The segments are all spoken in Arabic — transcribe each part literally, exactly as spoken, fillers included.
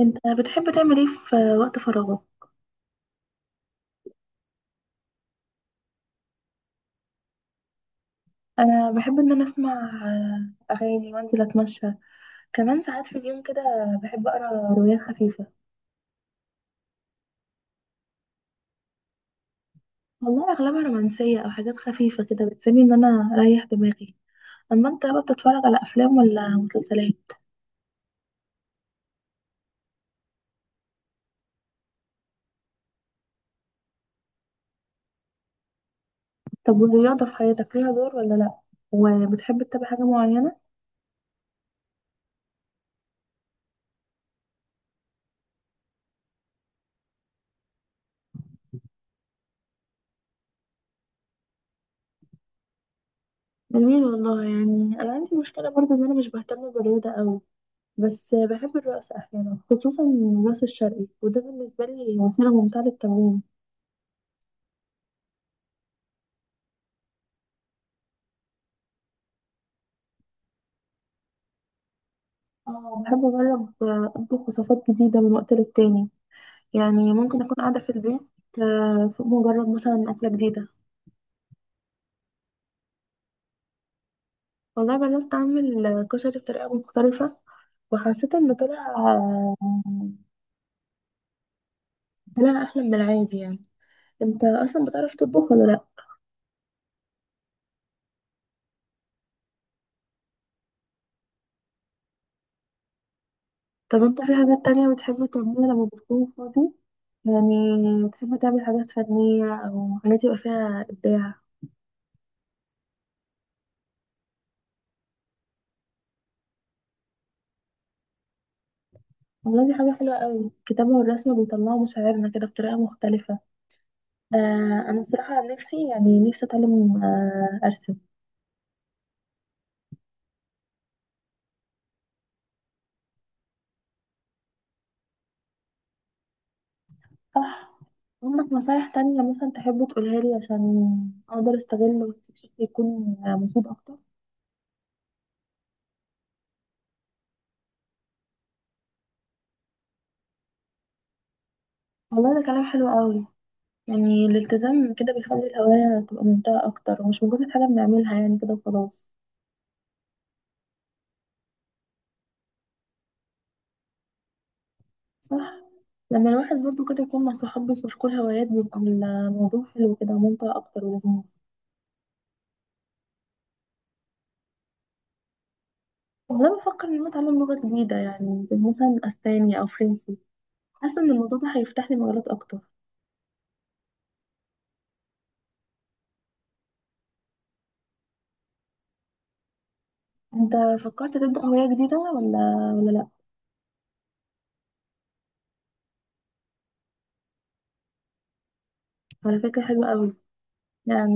انت بتحب تعمل ايه في وقت فراغك؟ انا بحب ان انا اسمع آه، اغاني وانزل اتمشى، كمان ساعات في اليوم كده بحب اقرا روايات خفيفه. والله اغلبها رومانسيه او حاجات خفيفه كده بتساعدني ان انا اريح دماغي. اما انت بقى بتتفرج على افلام ولا مسلسلات؟ طب والرياضه في حياتك ليها دور ولا لا؟ وبتحب تتابع حاجه معينه؟ جميل والله، يعني انا عندي مشكله برضو ان انا مش بهتم بالرياضه قوي، بس بحب الرقص احيانا خصوصا الرقص الشرقي، وده بالنسبه لي وسيله ممتعه للتمرين. اه بحب أجرب آه، أطبخ وصفات جديدة من وقت للتاني، يعني ممكن أكون قاعدة في البيت آه، فأقوم أجرب مثلا أكلة جديدة. والله جربت أعمل آه، كشري بطريقة مختلفة وحسيت إن طلع آه، طلع أحلى من العادي يعني. أنت أصلا بتعرف تطبخ ولا لأ؟ طب أنت في حاجات تانية بتحب تعملها لما بتكون فاضي؟ يعني بتحب تعمل حاجات فنية أو حاجات يبقى فيها إبداع؟ والله دي حاجة حلوة أوي، الكتابة والرسم بيطلعوا مشاعرنا كده بطريقة مختلفة. آه انا الصراحه عن نفسي يعني نفسي اتعلم آه ارسم. صح. عندك نصايح تانية مثلا تحب تقولها لي عشان اقدر استغل وقتي بشكل يكون آه، مفيد اكتر؟ والله ده كلام حلو قوي، يعني الالتزام كده بيخلي الهواية تبقى ممتعة أكتر ومش مجرد حاجة بنعملها يعني كده وخلاص. صح، لما الواحد برضه كده يكون مع صحابه يشاركوا الهوايات بيبقى الموضوع حلو كده وممتع أكتر ولذيذ. والله بفكر إن أنا أتعلم لغة جديدة يعني زي مثلا أسباني أو فرنسي، حاسة إن الموضوع ده هيفتح لي مجالات أكتر. انت فكرت تبدأ هواية جديدة ولا ولا لا على فكرة حلوة قوي، يعني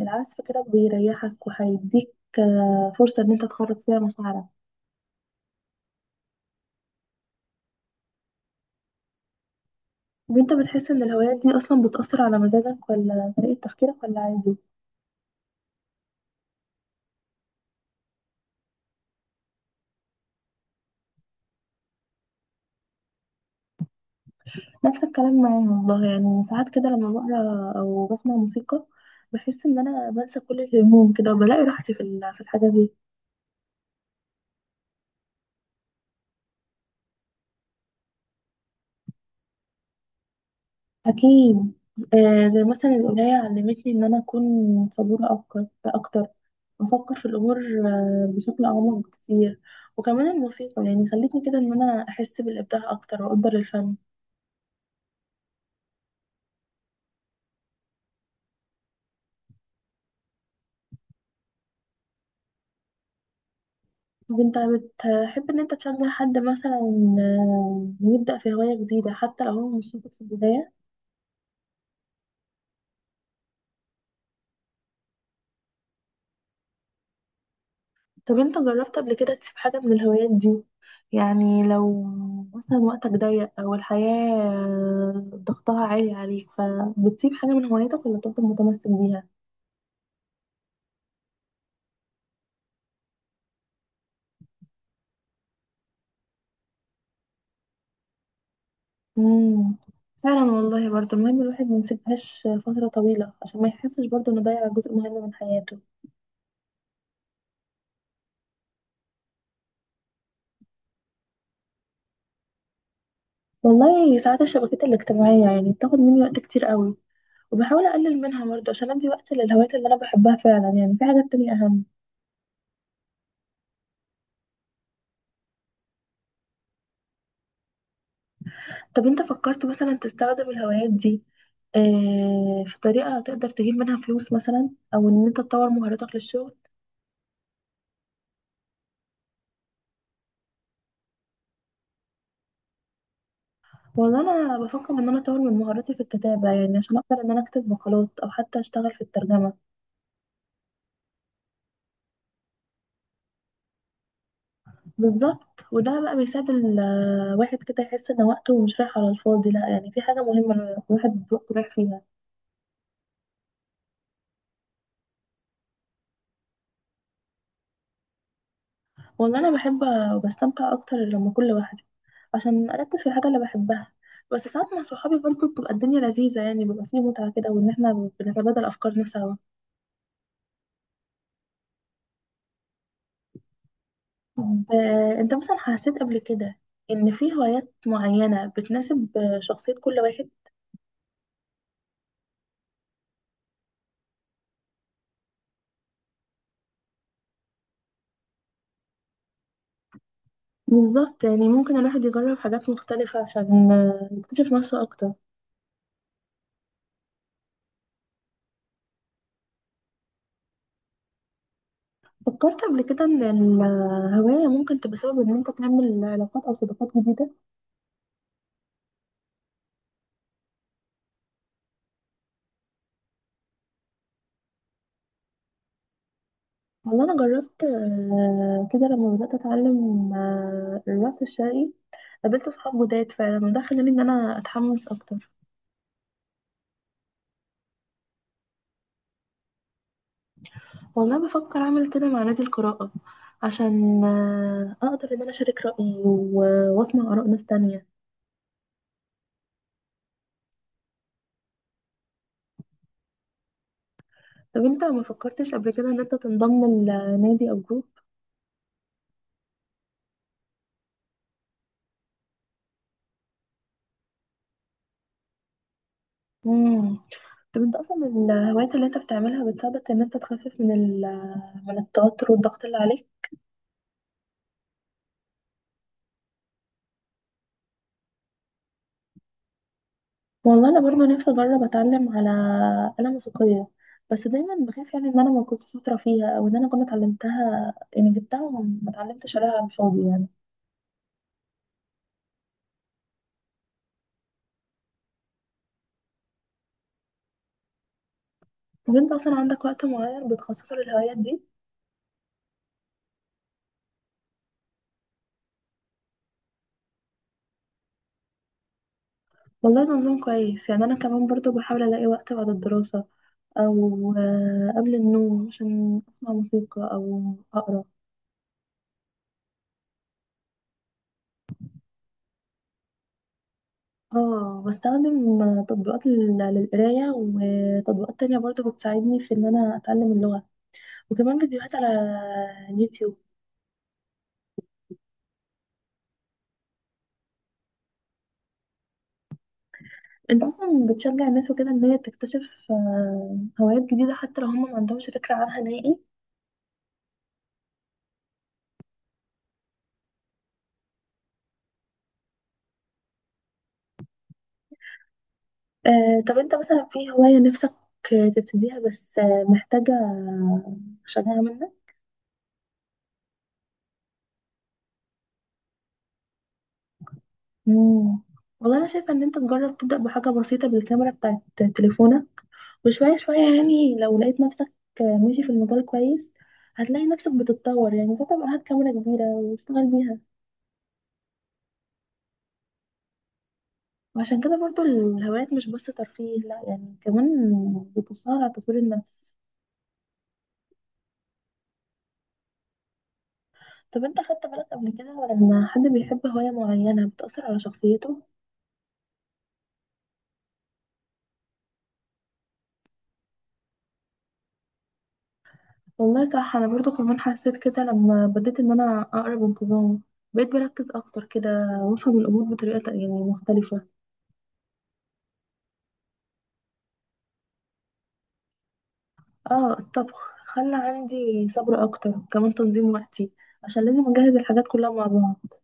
العزف كده بيريحك وهيديك آه، فرصة ان انت تخرج فيها مشاعرك. وانت بتحس ان الهوايات دي اصلا بتأثر على مزاجك ولا طريقة تفكيرك ولا عادي؟ نفس الكلام معايا والله، يعني ساعات كده لما بقرا او بسمع موسيقى بحس ان انا بنسى كل الهموم كده وبلاقي راحتي في ال- في الحاجة دي. اكيد، آه، زي مثلا القراية علمتني ان انا اكون صبورة اكتر اكتر، بفكر في الأمور آه، بشكل أعمق بكتير. وكمان الموسيقى يعني خلتني كده إن أنا أحس بالإبداع أكتر وأقدر الفن. طب أنت بتحب إن أنت تشجع حد مثلا آه، يبدأ في هواية جديدة حتى لو هو مش شاطر في البداية؟ طب أنت جربت قبل كده تسيب حاجة من الهوايات دي؟ يعني لو مثلا وقتك ضيق أو الحياة آه، ضغطها عالي عليك فبتسيب حاجة من هوايتك ولا بتفضل متمسك بيها؟ امم، فعلا والله برضه المهم الواحد ما يسيبهاش فترة طويلة عشان ما يحسش برضه انه ضيع جزء مهم من حياته. والله ساعات الشبكات الاجتماعية يعني بتاخد مني وقت كتير قوي، وبحاول اقلل منها برضه عشان ادي وقت للهوايات اللي انا بحبها فعلا، يعني في حاجات تانية اهم. طب انت فكرت مثلا تستخدم الهوايات دي آه في طريقة تقدر تجيب منها فلوس مثلا او ان انت تطور مهاراتك للشغل؟ والله انا بفكر ان انا اطور من مهاراتي في الكتابة، يعني عشان اقدر ان انا اكتب مقالات او حتى اشتغل في الترجمة. بالظبط، وده بقى بيساعد الواحد كده يحس ان وقته مش رايح على الفاضي، لا يعني في حاجه مهمه الواحد وقته رايح فيها. وان انا بحب وبستمتع اكتر لما اكون لوحدي عشان اركز في الحاجه اللي بحبها، بس ساعات مع صحابي برضه بتبقى الدنيا لذيذه يعني بيبقى فيه متعه كده وان احنا بنتبادل افكارنا سوا. طب، آه، انت مثلا حسيت قبل كده ان في هوايات معينه بتناسب آه، شخصيه كل واحد؟ بالظبط، يعني ممكن الواحد يجرب حاجات مختلفه عشان آه، يكتشف نفسه اكتر. فكرت قبل كده ان الهواية ممكن تبقى سبب ان انت تعمل علاقات او صداقات جديدة؟ والله انا جربت آه، كده لما بدأت اتعلم آه، الرقص الشرقي، قابلت اصحاب جداد فعلا وده خلاني ان انا اتحمس اكتر. والله بفكر اعمل كده مع نادي القراءة عشان آه، اقدر ان انا اشارك رأيي و- واسمع اراء ناس تانية. طب انت ما فكرتش قبل كده ان انت تنضم لنادي او جروب؟ امم. طب انت اصلا الهوايات اللي انت بتعملها بتساعدك ان انت تخفف من ال من التوتر والضغط اللي عليك؟ والله انا برضه نفسي اجرب اتعلم على آلة موسيقية، بس دايما بخاف يعني ان انا ما كنتش شاطرة فيها او ان انا كنت اتعلمتها يعني جبتها وما اتعلمتش عليها على الفاضي يعني. طب انت اصلا عندك وقت معين بتخصصه للهوايات دي؟ والله ده نظام كويس، يعني انا كمان برضه بحاول الاقي وقت بعد الدراسة او آه، قبل النوم عشان اسمع موسيقى او اقرا. اه بستخدم تطبيقات لل- للقراية وتطبيقات تانية برضو بتساعدني في ان انا اتعلم اللغة، وكمان فيديوهات على اليوتيوب. انت اصلا بتشجع الناس وكده ان هي تكتشف آه، هوايات جديدة حتى لو هم ما عندهمش فكرة عنها نهائي؟ آه، طب انت مثلا في هواية نفسك تبتديها بس آه، محتاجة شجاعة منك؟ مم. والله انا شايفة ان انت تجرب تبدأ بحاجة بسيطة بالكاميرا بتاعت تليفونك، وشوية شوية يعني لو لقيت نفسك ماشي في المجال كويس هتلاقي نفسك بتتطور، يعني ساعتها بقى هات كاميرا كبيرة واشتغل بيها. وعشان كده برضو الهوايات مش بس ترفيه لا يعني كمان بتساعد على تطوير النفس. طب انت خدت بالك قبل كده لما حد بيحب هواية معينة بتأثر على شخصيته؟ والله صح، أنا برضو كمان حسيت كده لما بديت إن أنا أقرأ بانتظام بقيت بركز أكتر كده وأفهم الأمور بطريقة يعني مختلفة. اه الطبخ خلى عندي صبر اكتر كمان تنظيم وقتي عشان لازم اجهز الحاجات كلها مع بعض.